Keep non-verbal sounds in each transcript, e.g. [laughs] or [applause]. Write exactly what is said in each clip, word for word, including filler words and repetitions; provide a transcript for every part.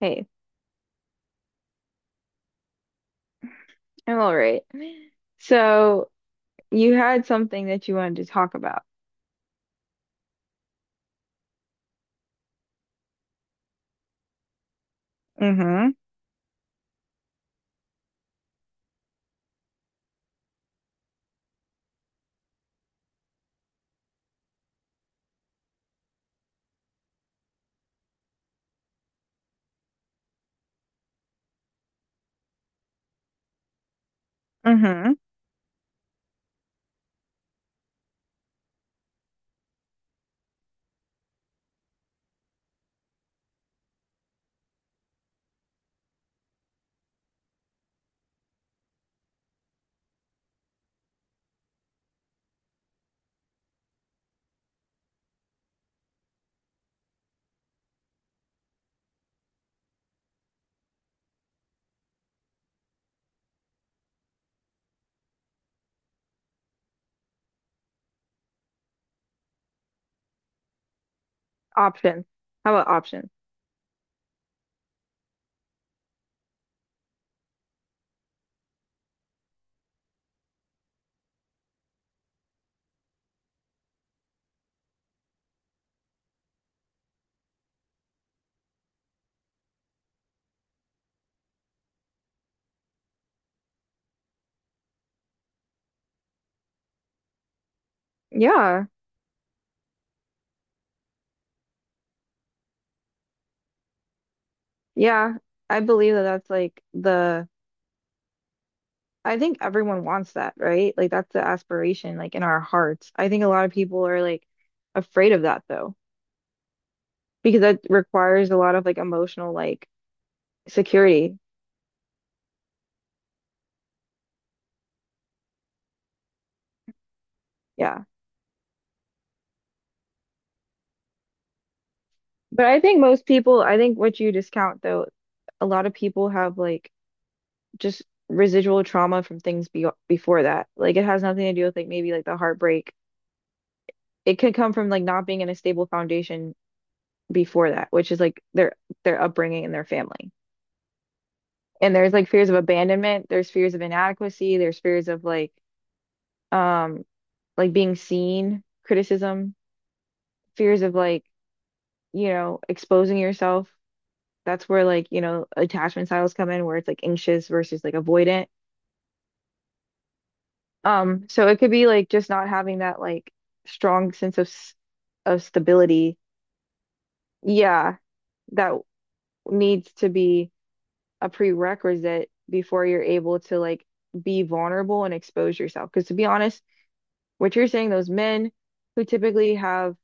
Hey, I'm all right. So you had something that you wanted to talk about. Mm-hmm. Mm-hmm. Options. How about options? Yeah. Yeah. I believe that that's like the, I think everyone wants that, right? Like that's the aspiration, like in our hearts. I think a lot of people are like afraid of that though, because that requires a lot of like emotional like security. Yeah. But I think most people, I think what you discount though, a lot of people have like just residual trauma from things be before that. Like it has nothing to do with like maybe like the heartbreak. It could come from like not being in a stable foundation before that, which is like their their upbringing and their family. And there's like fears of abandonment, there's fears of inadequacy, there's fears of like um like being seen, criticism, fears of like, you know, exposing yourself. That's where like, you know, attachment styles come in where it's like anxious versus like avoidant. Um, so it could be like just not having that like strong sense of s- of stability. Yeah, that needs to be a prerequisite before you're able to like be vulnerable and expose yourself. Because to be honest, what you're saying, those men who typically have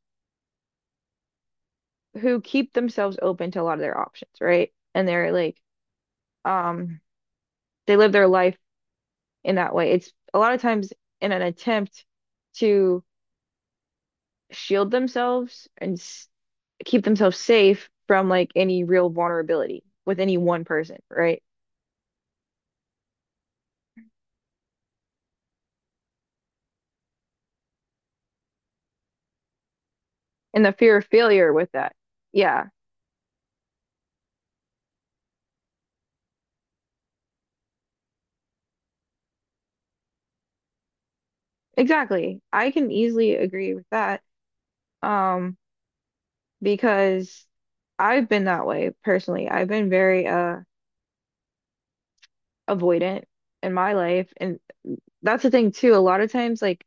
who keep themselves open to a lot of their options, right? And they're like, um, they live their life in that way. It's a lot of times in an attempt to shield themselves and s- keep themselves safe from like any real vulnerability with any one person, right? And the fear of failure with that. Yeah, exactly. I can easily agree with that. Um, because I've been that way personally. I've been very uh avoidant in my life. And that's the thing too. A lot of times like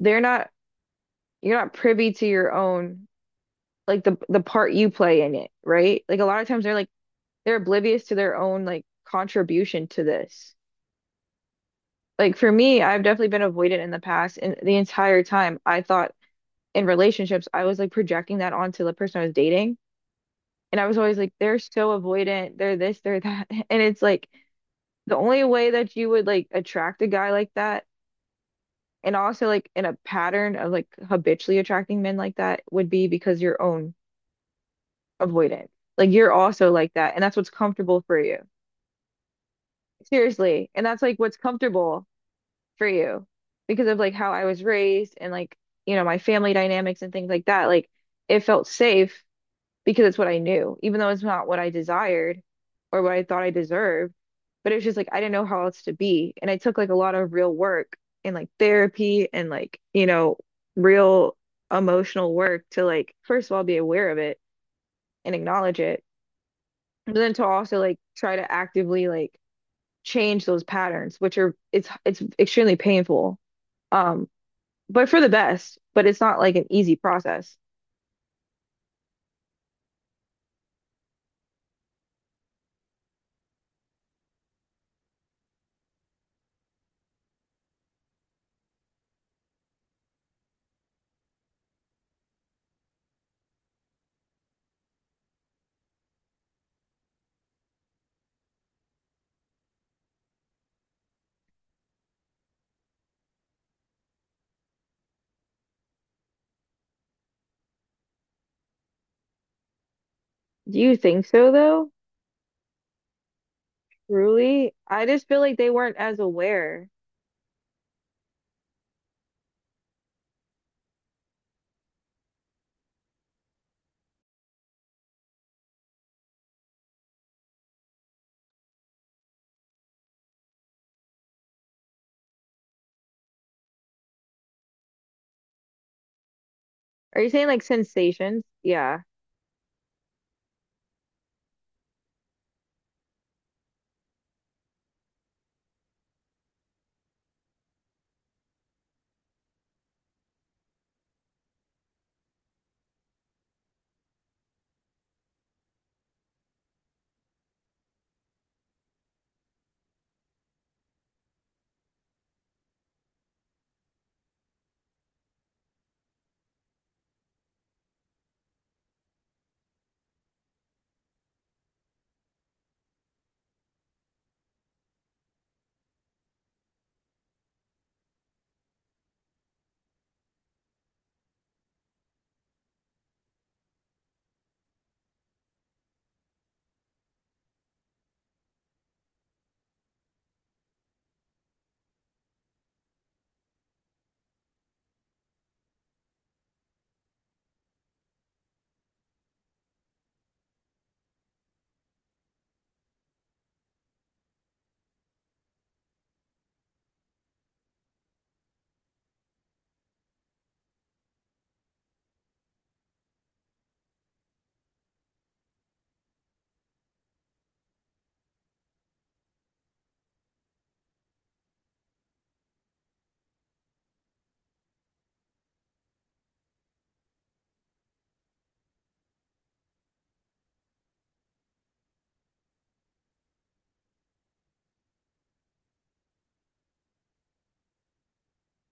they're not you're not privy to your own like the the part you play in it, right? Like a lot of times they're like they're oblivious to their own like contribution to this. Like for me, I've definitely been avoidant in the past, and the entire time I thought in relationships, I was like projecting that onto the person I was dating, and I was always like, they're so avoidant, they're this, they're that, [laughs] and it's like the only way that you would like attract a guy like that, and also like in a pattern of like habitually attracting men like that would be because your own avoidant. Like you're also like that, and that's what's comfortable for you. Seriously, and that's like what's comfortable for you because of like how I was raised and like, you know, my family dynamics and things like that. Like it felt safe because it's what I knew, even though it's not what I desired or what I thought I deserved. But it was just like I didn't know how else to be. And I took like a lot of real work and like therapy and like, you know, real emotional work to like, first of all, be aware of it and acknowledge it. But then to also like try to actively like change those patterns, which are it's it's extremely painful. Um, but for the best. But it's not like an easy process. Do you think so though? Truly, I just feel like they weren't as aware. Are you saying like sensations? Yeah.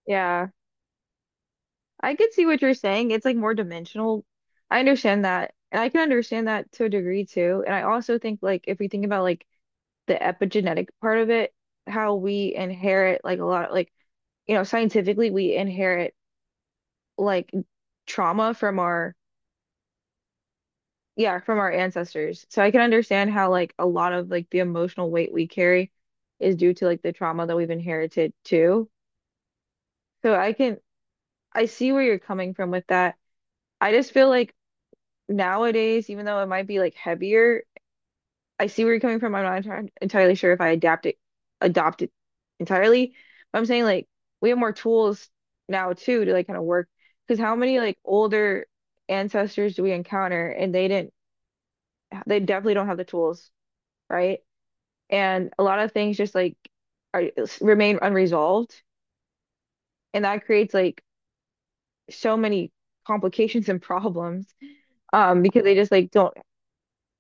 Yeah. I could see what you're saying. It's like more dimensional. I understand that. And I can understand that to a degree too. And I also think like if we think about like the epigenetic part of it, how we inherit like a lot of like, you know, scientifically we inherit like trauma from our yeah, from our ancestors. So I can understand how like a lot of like the emotional weight we carry is due to like the trauma that we've inherited too. So I can I see where you're coming from with that. I just feel like nowadays, even though it might be like heavier, I see where you're coming from. I'm not enti- entirely sure if I adapt it, adopt it entirely. But I'm saying like we have more tools now too to like kind of work because how many like older ancestors do we encounter and they didn't they definitely don't have the tools, right? And a lot of things just like are remain unresolved and that creates like so many complications and problems um because they just like don't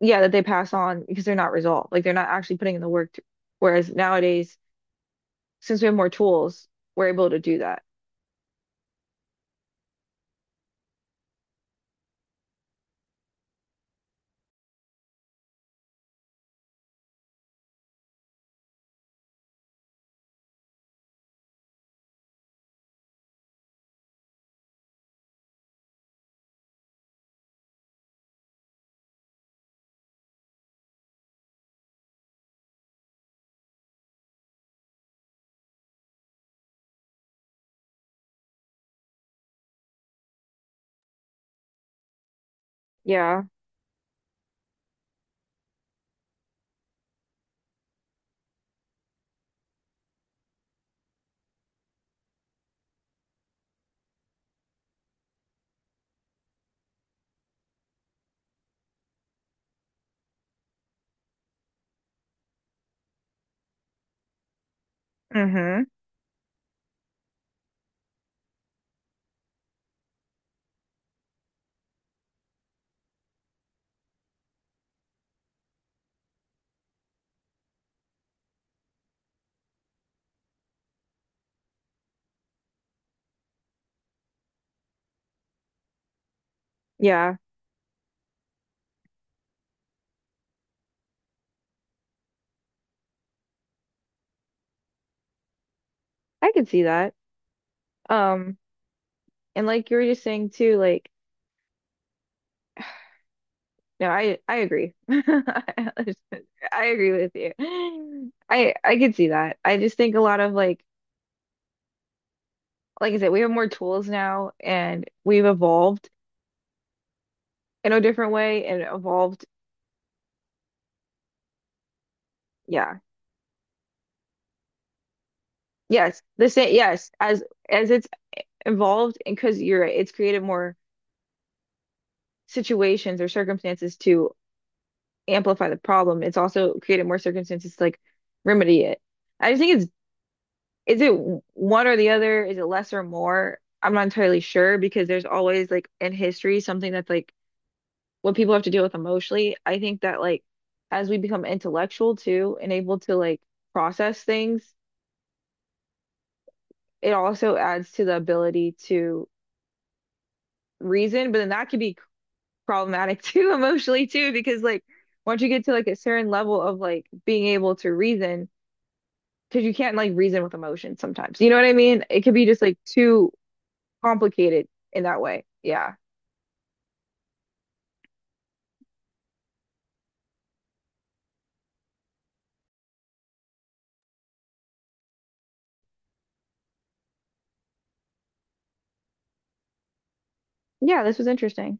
yeah that they pass on because they're not resolved, like they're not actually putting in the work to, whereas nowadays since we have more tools we're able to do that. Yeah, mm-hmm, yeah, I can see that, um and like you were just saying too, like no I I agree [laughs] I agree with you, I I could see that. I just think a lot of like like I said, we have more tools now and we've evolved in a different way and evolved. Yeah. Yes. The same. Yes. As as it's evolved and because you're right, it's created more situations or circumstances to amplify the problem. It's also created more circumstances to like remedy it. I just think it's is it one or the other? Is it less or more? I'm not entirely sure because there's always like in history something that's like what people have to deal with emotionally. I think that like as we become intellectual too and able to like process things, it also adds to the ability to reason, but then that could be problematic [laughs] too emotionally too because like once you get to like a certain level of like being able to reason, because you can't like reason with emotion sometimes. You know what I mean? It could be just like too complicated in that way. Yeah. Yeah, this was interesting.